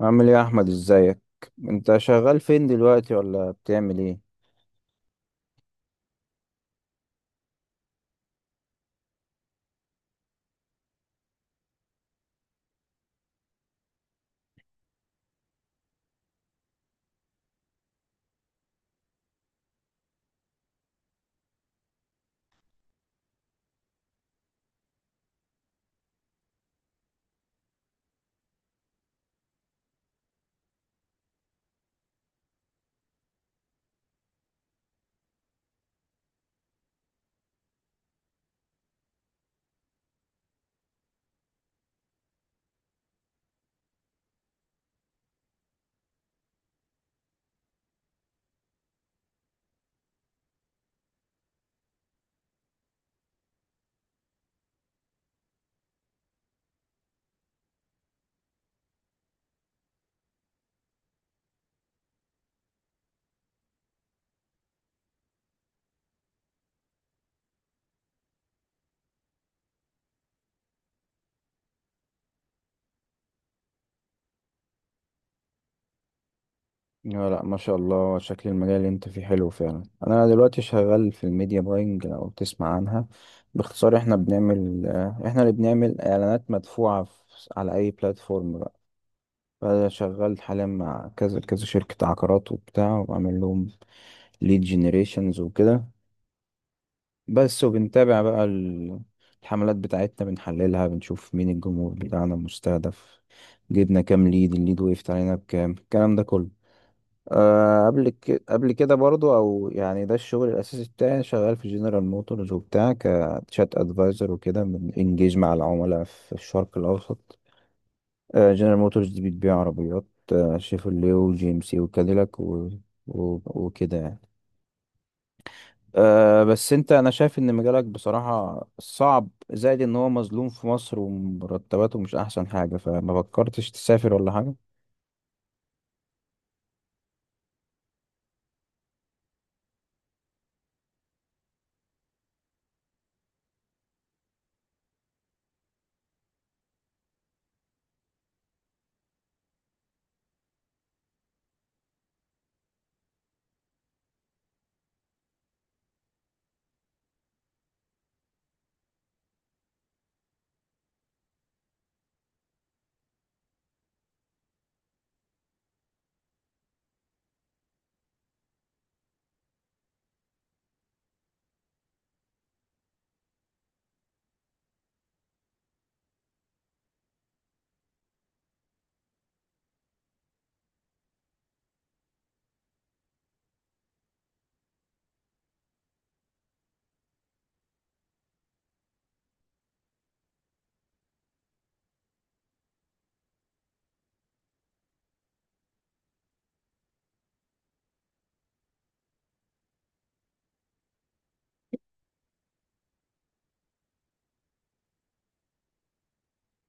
عامل ايه يا احمد؟ ازيك؟ انت شغال فين دلوقتي ولا بتعمل ايه؟ لا، لا، ما شاء الله، شكل المجال اللي انت فيه حلو فعلا. انا دلوقتي شغال في الميديا باينج، لو تسمع عنها. باختصار احنا اللي بنعمل اعلانات مدفوعة على اي بلاتفورم بقى. فانا شغال حاليا مع كذا كذا شركة عقارات وبتاع، وبعمل لهم ليد جنريشنز وكده. بس وبنتابع بقى الحملات بتاعتنا، بنحللها، بنشوف مين الجمهور بتاعنا المستهدف، جبنا كام ليد، الليد وقفت علينا بكام، الكلام ده كله. أه، قبل كده برضو، او يعني، ده الشغل الاساسي بتاعي، شغال في جنرال موتورز وبتاع كتشات ادفايزر وكده، بنجيج مع العملاء في الشرق الاوسط. أه، جنرال موتورز دي بتبيع عربيات، شيفروليه وجي ام سي وكاديلاك وكده يعني. أه بس انت، انا شايف ان مجالك بصراحة صعب، زائد ان هو مظلوم في مصر، ومرتباته مش احسن حاجة، فما فكرتش تسافر ولا حاجة؟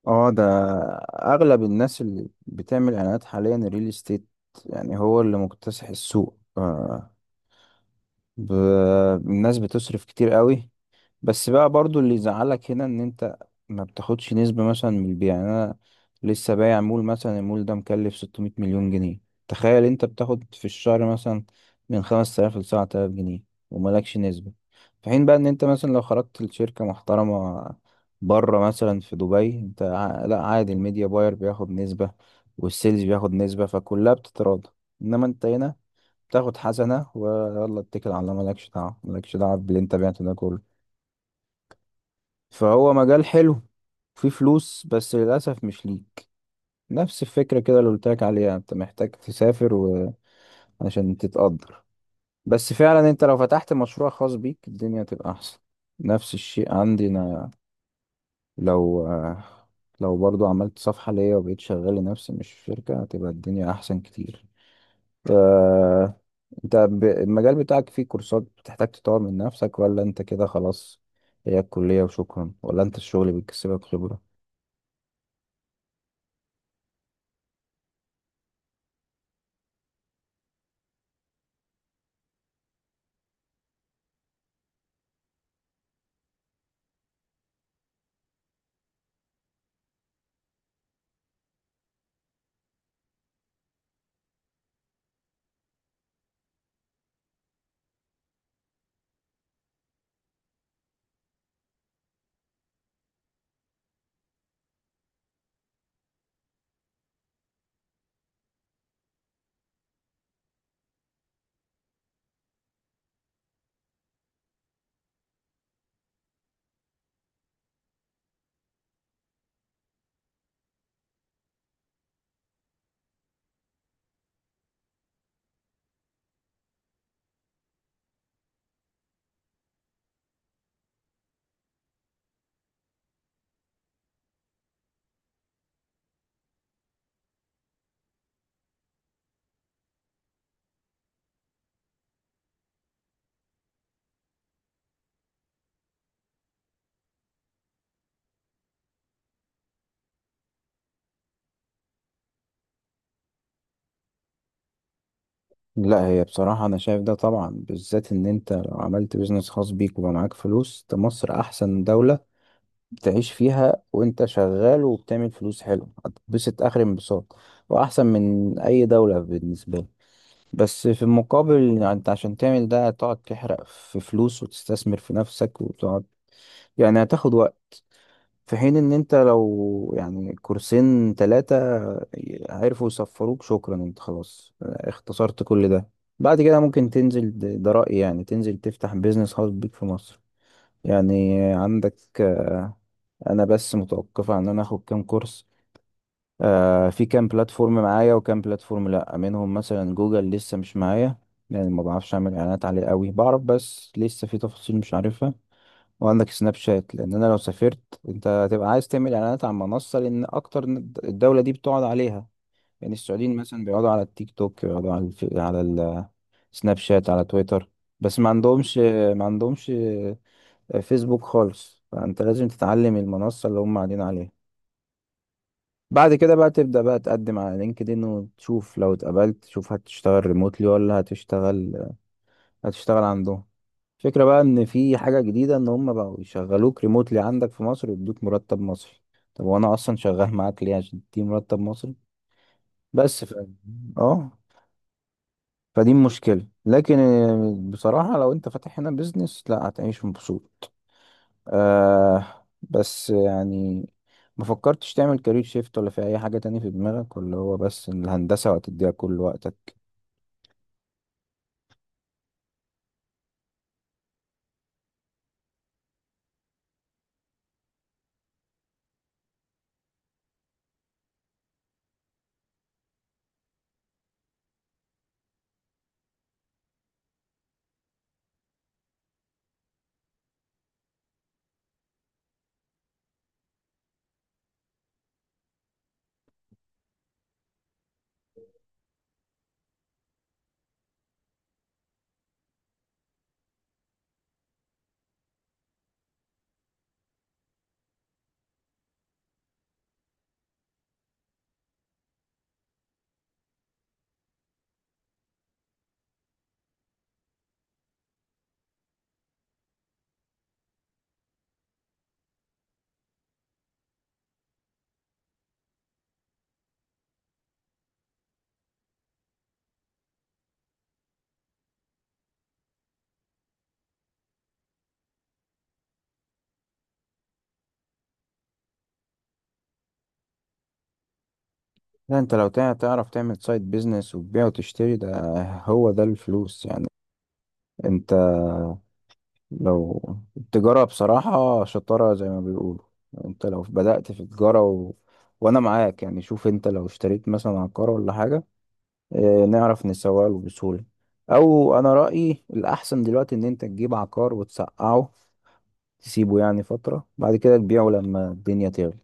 اه ده اغلب الناس اللي بتعمل اعلانات حاليا الريل استيت، يعني هو اللي مكتسح السوق. أه، ب... الناس بتصرف كتير قوي. بس بقى برضو اللي يزعلك هنا ان انت ما بتاخدش نسبة مثلا من البيع. يعني انا لسه بايع مول مثلا، المول ده مكلف 600 مليون جنيه، تخيل انت بتاخد في الشهر مثلا من 5000 ل 7000 جنيه وملكش نسبة. في حين بقى ان انت مثلا لو خرجت لشركة محترمة بره مثلا في دبي، انت لا، عادي، الميديا باير بياخد نسبة والسيلز بياخد نسبة، فكلها بتتراضى. انما انت هنا بتاخد حسنة، ويلا اتكل على الله، مالكش دعوة، مالكش دعوة باللي انت بعته ده كله. فهو مجال حلو فيه فلوس بس للأسف مش ليك. نفس الفكرة كده اللي قلتلك عليها، انت محتاج تسافر عشان تتقدر. بس فعلا انت لو فتحت مشروع خاص بيك الدنيا تبقى أحسن. نفس الشيء عندي أنا، لو آه، لو برضو عملت صفحة ليا وبقيت شغال لنفسي مش في شركة، هتبقى الدنيا أحسن كتير. آه... المجال بتاعك فيه كورسات بتحتاج تطور من نفسك، ولا انت كده خلاص، هي الكلية وشكرا، ولا انت الشغل بيكسبك خبرة؟ لا، هي بصراحة أنا شايف ده طبعا، بالذات إن أنت لو عملت بيزنس خاص بيك وبقى معاك فلوس، ده مصر أحسن دولة تعيش فيها، وأنت شغال وبتعمل فلوس حلوة هتتبسط آخر انبساط، وأحسن من أي دولة بالنسبة لي. بس في المقابل، يعني أنت عشان تعمل ده هتقعد تحرق في فلوس وتستثمر في نفسك وتقعد، يعني هتاخد وقت. في حين ان انت لو يعني كورسين ثلاثة عرفوا يصفروك شكرا، انت خلاص اختصرت كل ده. بعد كده ممكن تنزل، ده ده رأيي يعني، تنزل تفتح بيزنس خاص بيك في مصر. يعني عندك، انا بس متوقفة ان انا اخد كام كورس. في كام بلاتفورم معايا وكام بلاتفورم لا، منهم مثلا جوجل لسه مش معايا، يعني ما بعرفش اعمل اعلانات عليه قوي، بعرف بس لسه في تفاصيل مش عارفها. وعندك سناب شات، لان انا لو سافرت انت هتبقى عايز تعمل اعلانات على منصه لان اكتر الدوله دي بتقعد عليها. يعني السعوديين مثلا بيقعدوا على التيك توك، بيقعدوا على السناب شات، على تويتر، بس ما عندهمش فيسبوك خالص. فانت لازم تتعلم المنصه اللي هم قاعدين عليها. بعد كده بقى تبدا بقى تقدم على لينكدين، وتشوف لو اتقبلت تشوف هتشتغل ريموتلي ولا هتشتغل عندهم. فكرة بقى ان في حاجة جديدة ان هم بقوا يشغلوك ريموتلي عندك في مصر ويدوك مرتب مصري. طب وانا اصلا شغال معاك ليه عشان تديني مرتب مصري؟ بس ف... اه، فدي مشكلة. لكن بصراحة لو انت فاتح هنا بيزنس لا هتعيش مبسوط. بس يعني ما فكرتش تعمل كارير شيفت ولا في اي حاجة تانية في دماغك، ولا هو بس الهندسة وهتديها كل وقتك؟ لا، انت لو تعرف تعمل سايد بيزنس وتبيع وتشتري، ده هو ده الفلوس يعني. انت لو التجارة بصراحة شطارة زي ما بيقولوا. انت لو بدأت في تجارة وانا معاك يعني. شوف انت لو اشتريت مثلا عقار ولا حاجة، اه نعرف نسوق له بسهولة. او انا رأيي الاحسن دلوقتي ان انت تجيب عقار وتسقعه، تسيبه يعني فترة، بعد كده تبيعه لما الدنيا تغلى.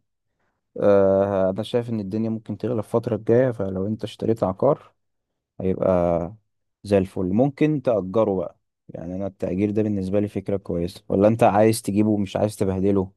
اه انا شايف ان الدنيا ممكن تغلى الفترة الجاية، فلو انت اشتريت عقار هيبقى زي الفل، ممكن تأجره بقى. يعني أنا التأجير ده بالنسبة لي فكرة كويسة، ولا أنت عايز تجيبه ومش عايز تبهدله؟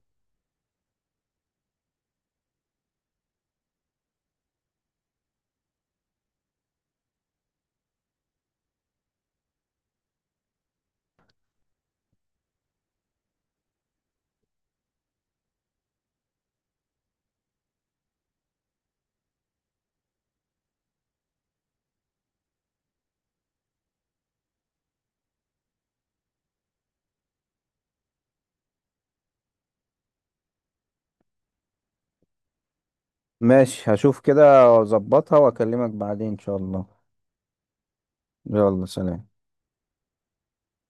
ماشي، هشوف كده وأظبطها وأكلمك بعدين إن شاء الله. يلا سلام.